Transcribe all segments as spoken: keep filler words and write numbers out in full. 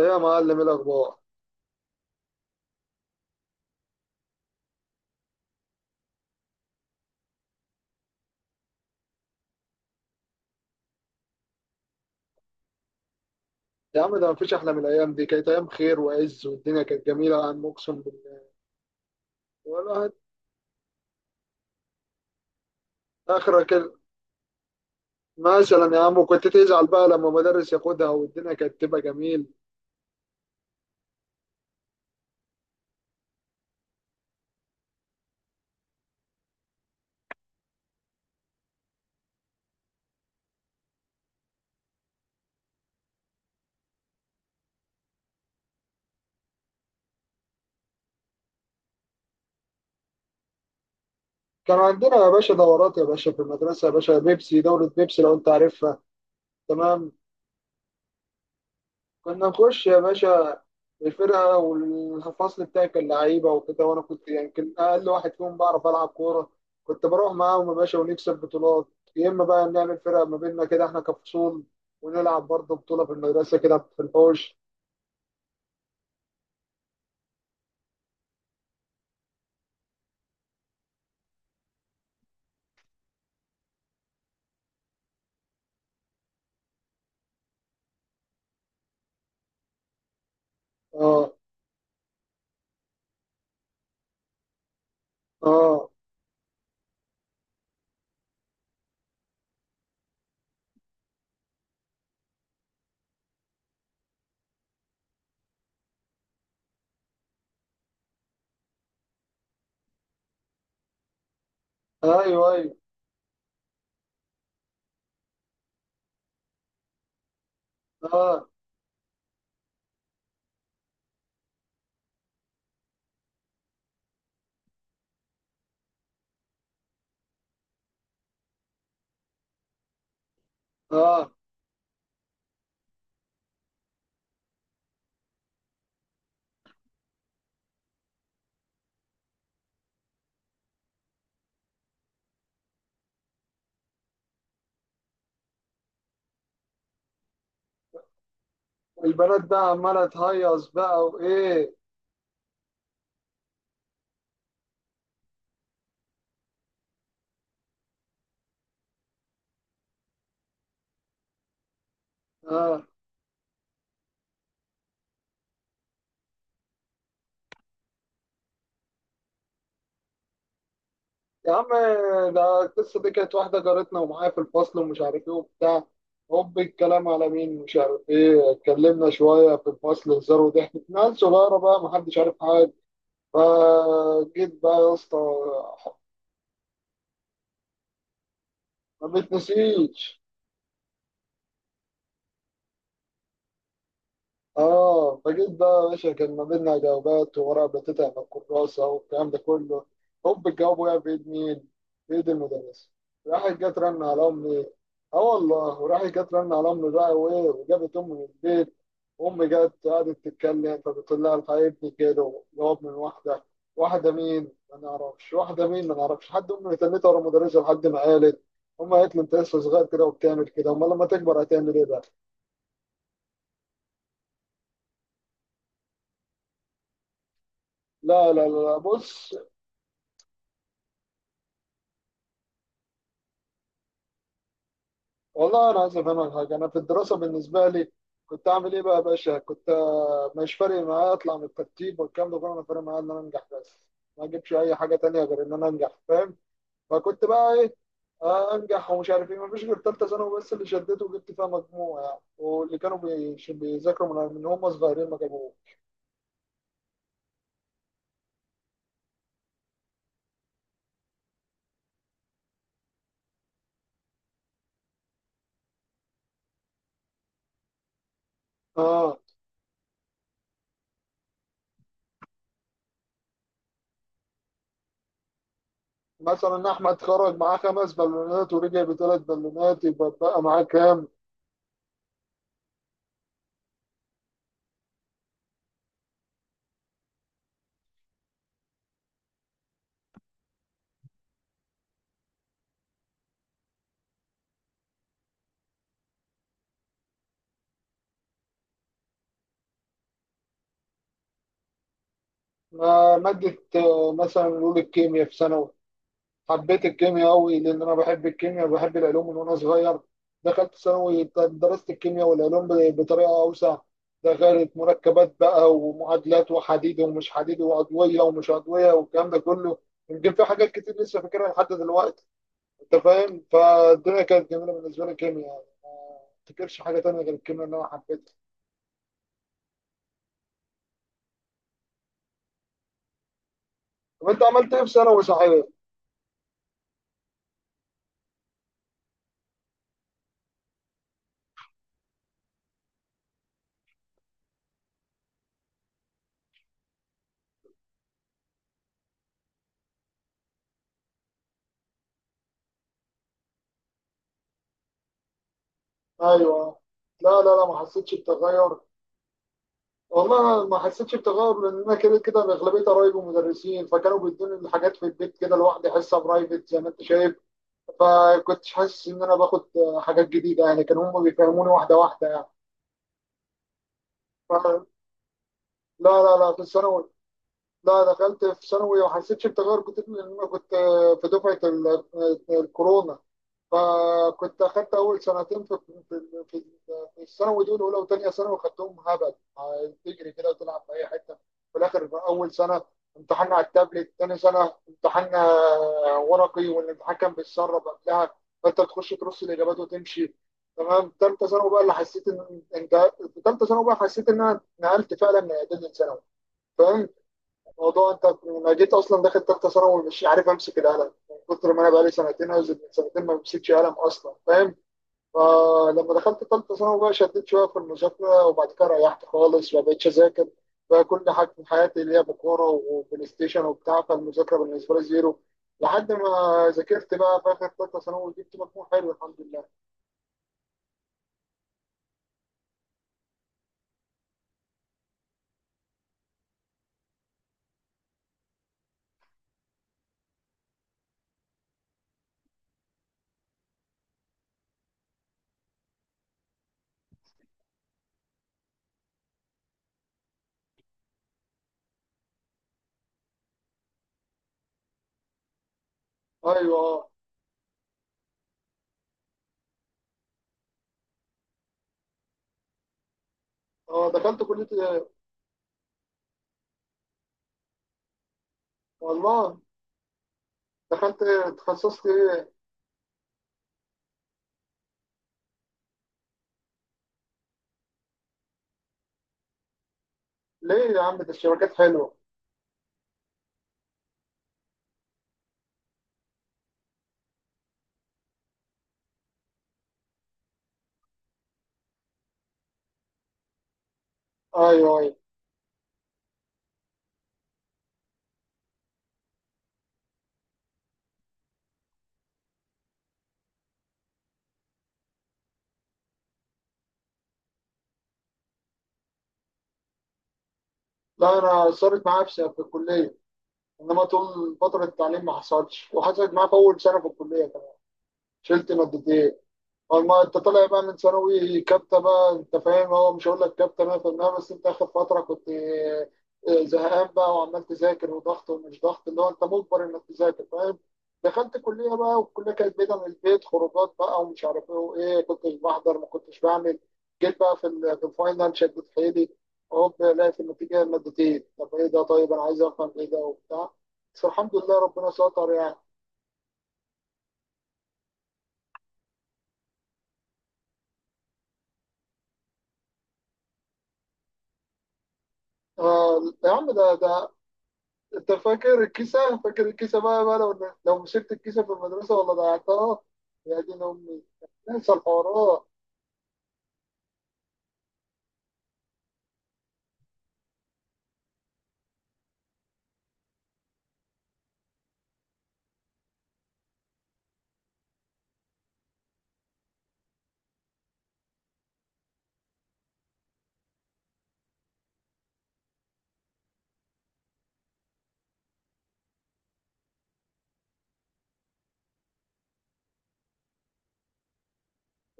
ايه يا معلم؟ إيه الاخبار؟ يا عم ده مفيش احلى من الايام دي. كانت ايام خير وعز والدنيا كانت جميله يا عم، اقسم بالله. والواحد اخرك ال- مثلا يا عم كنت تزعل بقى لما مدرس ياخدها والدنيا كانت تبقى جميل. كان عندنا يا باشا دورات يا باشا في المدرسه يا باشا، بيبسي، دوره بيبسي لو انت عارفها. تمام. كنا نخش يا باشا الفرقة والفصل بتاعي كان لعيبة وكده، وأنا كنت يعني كان أقل واحد فيهم بعرف ألعب كورة. كنت بروح معاهم يا باشا ونكسب بطولات. يا إما بقى نعمل فرقة ما بيننا كده إحنا كفصول ونلعب برضه بطولة في المدرسة كده في الحوش. آه. آه. أيوه أيوه. آه. آه. والبنات بقى عمالة تهيص بقى وإيه. آه يا عم، ده القصة دي كانت واحدة جارتنا ومعايا في الفصل ومش عارف ايه وبتاع. هوب الكلام على مين؟ مش عارف ايه، اتكلمنا شوية في الفصل هزار وضحك، ناس صغيرة بقى محدش عارف حاجة. فجيت بقى يا اسطى، ما بتنسيش. اه فجيت بقى يا باشا، كان ما بيننا جوابات وورقة بتتعب من الكراسة والكلام ده كله. هوب الجواب وقع في ايد مين؟ في ايد المدرس. راحت جت رن على امي. اه والله، وراحت جت رن على امي بقى وايه، وجابت امي من البيت. امي جت قعدت تتكلم فبتقول لها الحقيقة ابني كده جواب من واحدة. واحدة مين؟ ما نعرفش واحدة مين، ما نعرفش حد. امي تنتها ورا المدرسة لحد ما قالت. امي قالت لي انت لسه صغير كده وبتعمل كده، امال لما تكبر هتعمل ايه بقى؟ لا لا لا لا، بص. والله انا عايز افهمك حاجه. انا في الدراسه بالنسبه لي كنت اعمل ايه بقى يا باشا؟ كنت مش فارق معايا اطلع من الترتيب والكلام ده كله. انا فارق معايا ان انا انجح بس، ما اجيبش اي حاجه تانية غير ان انا انجح، فاهم؟ فكنت بقى ايه، آه، انجح ومش عارف ايه. مفيش غير ثالثه ثانوي بس اللي شدته وجبت فيها مجموع يعني، واللي كانوا بيش- بيذاكروا من من هم صغيرين ما جابوه. اه مثلا احمد خرج معاه خمس بالونات ورجع بثلاث بالونات، يبقى بقى معاه كام؟ آه، مادة، آه، مثلا نقول الكيمياء في ثانوي. حبيت الكيمياء قوي لان انا بحب الكيمياء وبحب العلوم من وانا صغير. دخلت ثانوي درست الكيمياء والعلوم ب- بطريقه اوسع. دخلت مركبات بقى ومعادلات وحديد ومش حديد وعضويه ومش عضويه والكلام ده كله. يمكن في حاجات كتير لسه فاكرها لحد دلوقتي. انت فاهم، فالدنيا كانت جميله بالنسبه لي. الكيمياء يعني ما افتكرش حاجه تانية غير الكيمياء اللي انا حبيتها. طب انت عملت ايه في ثانوي صحيح؟ ايوه. لا لا لا ما حسيتش بتغير. والله ما حسيتش بتغير لان انا كده كده أنا اغلبيه قرايبي مدرسين فكانوا بيدوني الحاجات في البيت كده لوحدي، حصه برايفت زي ما انت شايف. فكنتش حاسس ان انا باخد حاجات جديده يعني، كانوا هم بيفهموني واحده واحده يعني. ف- لا لا لا في الثانوي. لا دخلت في ثانوي وما حسيتش بتغير كتير لان انا كنت في دفعه ال- الكورونا. فكنت اخدت اول سنتين في في في في الثانوي. دول اولى وثانيه ثانوي خدتهم هبل، تجري كده وتلعب في اي حته. في الاخر اول سنه امتحنا على التابلت، ثاني سنه امتحنا ورقي، والامتحان كان بيتسرب قبلها فانت بتخش ترص الاجابات وتمشي. تمام. ثالثه ثانوي بقى اللي حسيت ان انت. في ثالثه ثانوي بقى حسيت ان انا نقلت فعلا من اعدادي لثانوي، فاهم؟ موضوع انت انا جيت اصلا داخل ثالثه ثانوي مش عارف امسك القلم من كتر ما انا بقالي سنتين او زي- من سنتين ما بمسكش قلم اصلا، فاهم؟ فلما دخلت ثالثه ثانوي بقى شديت شويه في المذاكره، وبعد كده ريحت خالص ما بقتش اذاكر. بقى كل حاجه في حياتي اللي هي بكوره وبلاي ستيشن وبتاع، فالمذاكره بالنسبه لي زيرو. لحد ما ذاكرت بقى في اخر ثالثه ثانوي وجبت مجموع حلو الحمد لله. ايوه. اه. اه دخلت كليه إيه؟ والله. دخلت تخصصت ايه؟ ليه يا عم ده الشبكات حلوه. ايوه. أيوة. لا انا صارت معايا في في الكليه، انما طول فتره التعليم ما حصلش، وحصلت معايا في اول سنه في الكليه كمان شلت مادتين. ما انت طالع بقى من ثانوي كابتن بقى، انت فاهم، هو مش هقول لك كابتن مية في المية بس انت اخر فتره كنت، آه، زهقان بقى وعمال تذاكر وضغط ومش ضغط اللي هو انت مجبر انك تذاكر، فاهم؟ دخلت كليه بقى والكليه كانت بعيده من البيت، خروجات بقى ومش عارف ايه وايه، كنتش بحضر ما كنتش بعمل. جيت بقى في ال- في الفاينل شدت حيلي، هوب الاقي في النتيجه مادتين. طب ايه ده؟ طيب انا عايز افهم ايه ده وبتاع. بس الحمد لله ربنا ستر يعني. آه يا عم ده ده. انت فاكر الكيسه؟ فاكر الكيسه بقى بقى، لو لو مسكت الكيسه في المدرسه ولا ضيعتها؟ يا دين امي، انسى الحوارات.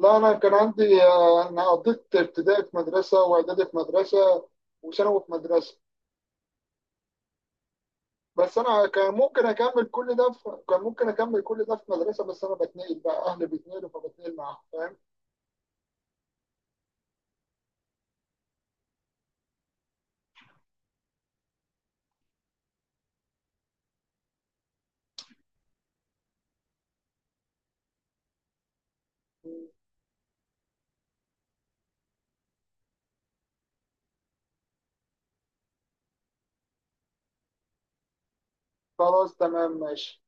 لا انا كان عندي، آه، انا قضيت ابتدائي في مدرسه واعدادي في مدرسه وثانوي في مدرسه. بس انا كان ممكن اكمل كل ده في، كان ممكن اكمل كل ده في مدرسه، بس انا بتنقل بقى اهلي بيتنقلوا فبتنقل معاهم، فاهم؟ خلاص تمام ماشي.